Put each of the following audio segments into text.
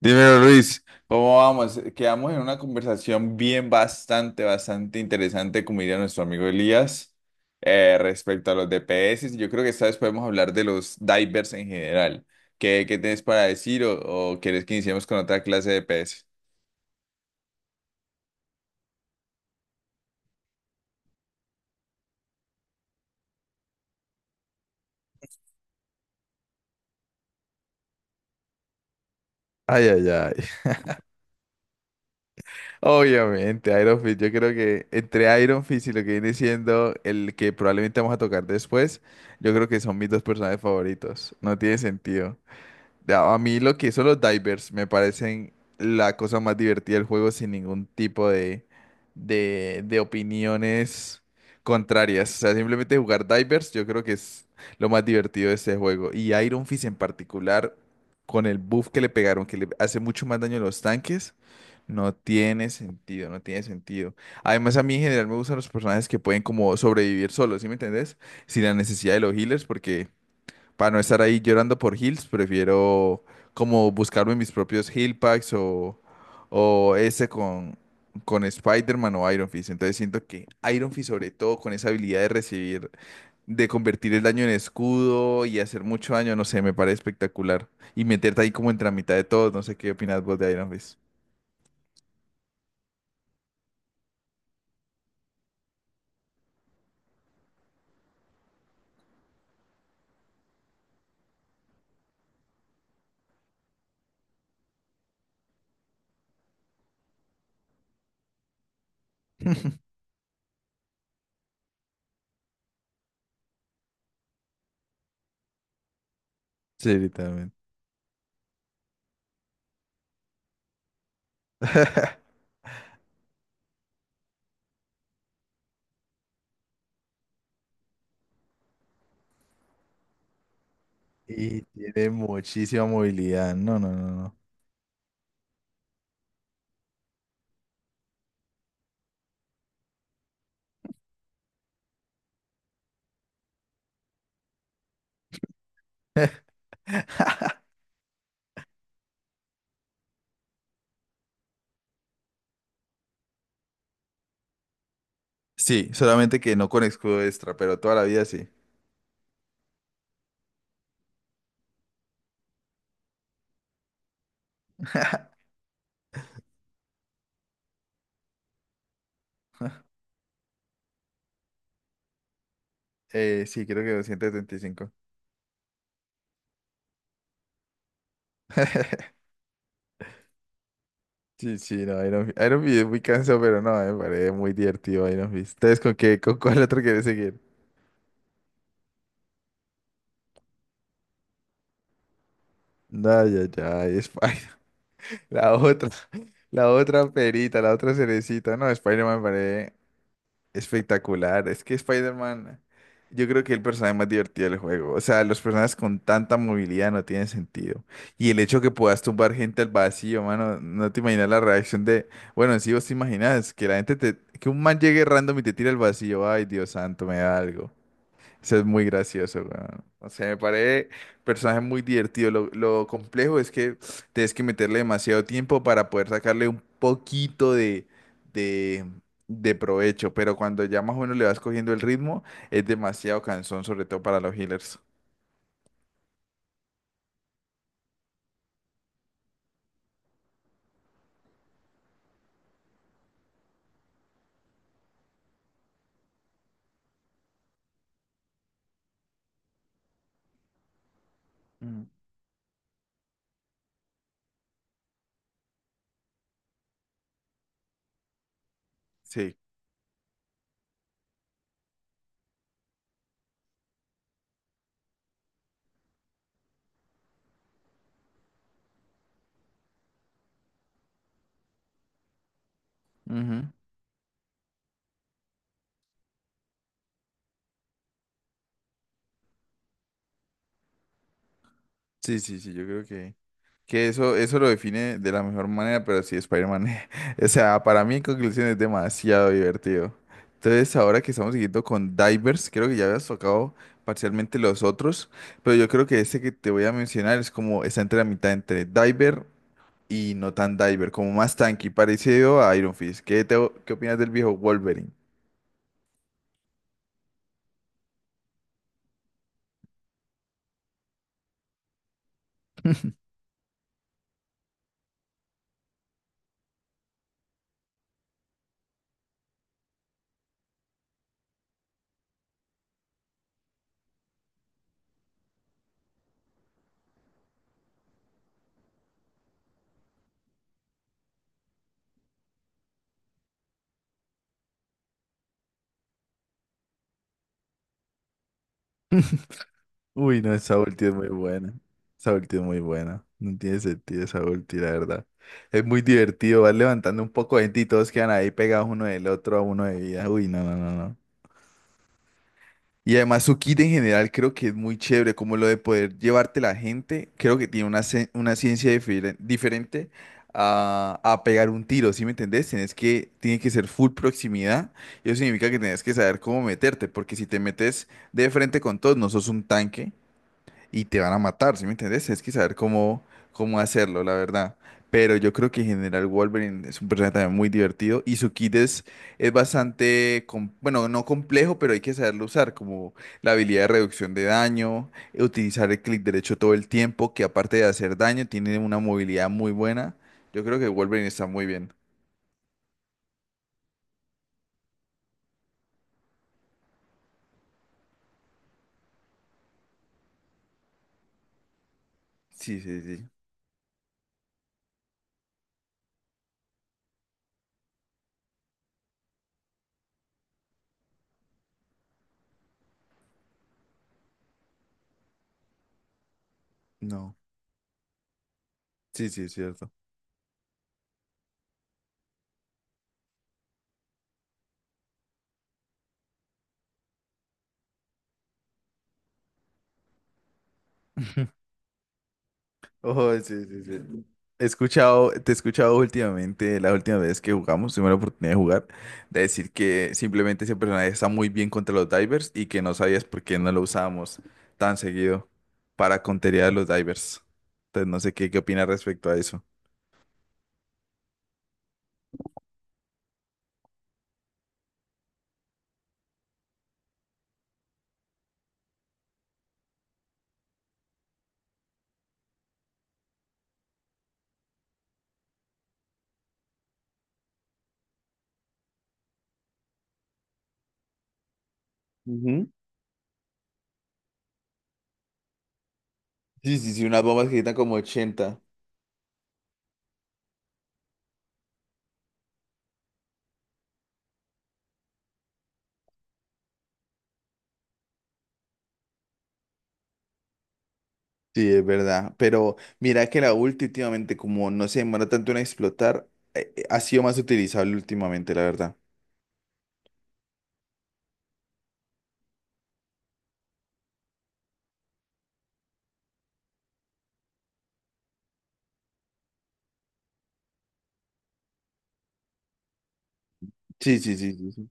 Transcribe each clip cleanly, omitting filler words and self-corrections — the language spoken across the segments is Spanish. Dímelo, Luis, ¿cómo vamos? Quedamos en una conversación bien bastante interesante, como diría nuestro amigo Elías, respecto a los DPS. Yo creo que esta vez podemos hablar de los divers en general. ¿Qué tienes para decir o quieres que iniciemos con otra clase de DPS? Ay, ay, ay. Obviamente, Iron Fist. Yo creo que entre Iron Fist y lo que viene siendo el que probablemente vamos a tocar después, yo creo que son mis dos personajes favoritos. No tiene sentido. A mí lo que hizo los divers me parecen la cosa más divertida del juego sin ningún tipo de opiniones contrarias. O sea, simplemente jugar divers yo creo que es lo más divertido de este juego. Y Iron Fist en particular, con el buff que le pegaron, que le hace mucho más daño a los tanques, no tiene sentido, no tiene sentido. Además, a mí en general me gustan los personajes que pueden como sobrevivir solos, ¿sí me entendés? Sin la necesidad de los healers porque... Para no estar ahí llorando por heals, prefiero como buscarme mis propios heal packs o ese con Spider-Man o Iron Fist. Entonces siento que Iron Fist, sobre todo con esa habilidad de recibir, de convertir el daño en escudo y hacer mucho daño, no sé, me parece espectacular. Y meterte ahí como entre la mitad de todos, no sé qué opinas vos de Iron Fist. Sí, literalmente. Y tiene muchísima movilidad. No, no, no, no. Sí, solamente que no con escudo extra, pero toda la vida sí. Sí, creo que 235. Sí, sí, no, Iron, Iron Fist es muy cansado, pero no, me parece muy divertido Iron Fist. ¿Ustedes con qué, con cuál otro quieren seguir? No, ya, ya, Spider. La otra, la otra perita, la otra cerecita. No, Spider-Man me parece. Espectacular, es que Spider-Man, yo creo que es el personaje más divertido del juego. O sea, los personajes con tanta movilidad no tienen sentido. Y el hecho que puedas tumbar gente al vacío, mano, no te imaginas la reacción de, bueno, sí vos te imaginas que la gente que un man llegue random y te tira al vacío, ay, Dios santo, me da algo. Eso es muy gracioso, weón. O sea, me parece personaje muy divertido. Lo complejo es que tienes que meterle demasiado tiempo para poder sacarle un poquito de, de provecho. Pero cuando ya más o menos le vas cogiendo el ritmo, es demasiado cansón, sobre todo para los healers. Mm. Sí. Sí, sí, sí, yo creo que eso lo define de la mejor manera, pero sí, Spider-Man, o sea, para mí en conclusión es demasiado divertido. Entonces, ahora que estamos siguiendo con Divers, creo que ya habías tocado parcialmente los otros, pero yo creo que este que te voy a mencionar es como, está entre la mitad entre Diver y no tan Diver, como más tanky, parecido a Iron Fist. ¿Qué, qué opinas del viejo Wolverine? Uy, no, esa ulti es muy buena. Esa ulti es muy buena. No tiene sentido esa ulti, la verdad. Es muy divertido, vas levantando un poco de gente y todos quedan ahí pegados uno del otro a uno de vida. Uy, no, no, no, no. Y además su kit en general creo que es muy chévere, como lo de poder llevarte la gente, creo que tiene una, una ciencia diferente a pegar un tiro, ¿sí me entendés? Tiene que ser full proximidad, y eso significa que tienes que saber cómo meterte, porque si te metes de frente con todos, no sos un tanque, y te van a matar, ¿sí me entiendes? Es que saber cómo hacerlo, la verdad. Pero yo creo que en General Wolverine es un personaje también muy divertido y su kit es bastante, bueno, no complejo, pero hay que saberlo usar, como la habilidad de reducción de daño, utilizar el clic derecho todo el tiempo, que aparte de hacer daño, tiene una movilidad muy buena. Yo creo que Wolverine está muy bien. Sí, sí, sí. No. Sí, sí, es cierto. Oh, sí, sí, sí. He escuchado, te he escuchado últimamente, la última vez que jugamos, tuve la oportunidad de jugar, de decir que simplemente ese personaje está muy bien contra los divers y que no sabías por qué no lo usábamos tan seguido para contería a los divers. Entonces no sé qué opinas respecto a eso. Ujú. Sí, sí, sí, unas bombas que quitan como 80. Sí, es verdad, pero mira que la ulti últimamente, como no se demora tanto en explotar, ha sido más utilizable últimamente, la verdad. Sí, sí, sí, sí.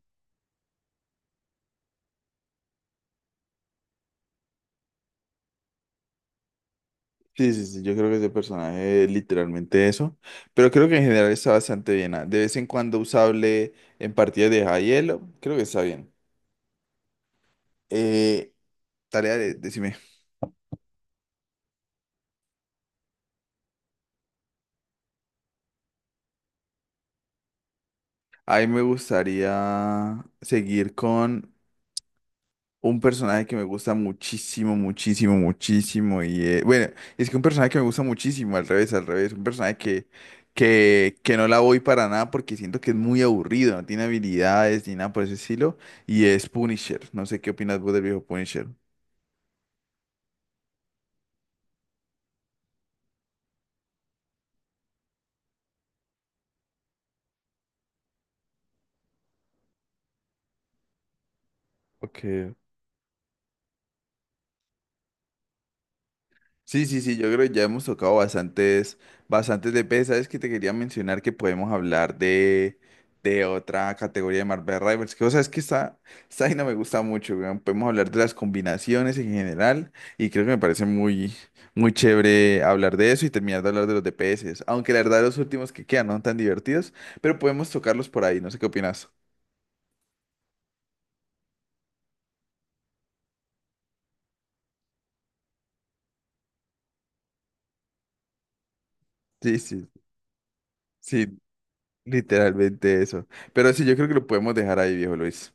Sí, sí, sí, yo creo que ese personaje es literalmente eso, pero creo que en general está bastante bien. Ah, de vez en cuando usable en partidas de Hielo, creo que está bien. Eh, tarea de, decime, a mí me gustaría seguir con un personaje que me gusta muchísimo, muchísimo, muchísimo. Y bueno, es que un personaje que me gusta muchísimo, al revés, al revés. Un personaje que no la voy para nada porque siento que es muy aburrido, no tiene habilidades ni nada por ese estilo. Y es Punisher. No sé qué opinas vos del viejo Punisher. Ok, sí, sí, sí, yo creo que ya hemos tocado bastantes, bastantes de pez. Sabes que te quería mencionar que podemos hablar de otra categoría de Marvel Rivals, que o sea, es que esta vaina me gusta mucho, weón. Podemos hablar de las combinaciones en general y creo que me parece muy, muy chévere hablar de eso y terminar de hablar de los DPS, aunque la verdad los últimos que quedan no son tan divertidos, pero podemos tocarlos por ahí, no sé qué opinas. Sí, sí, sí, literalmente eso. Pero sí, yo creo que lo podemos dejar ahí, viejo Luis.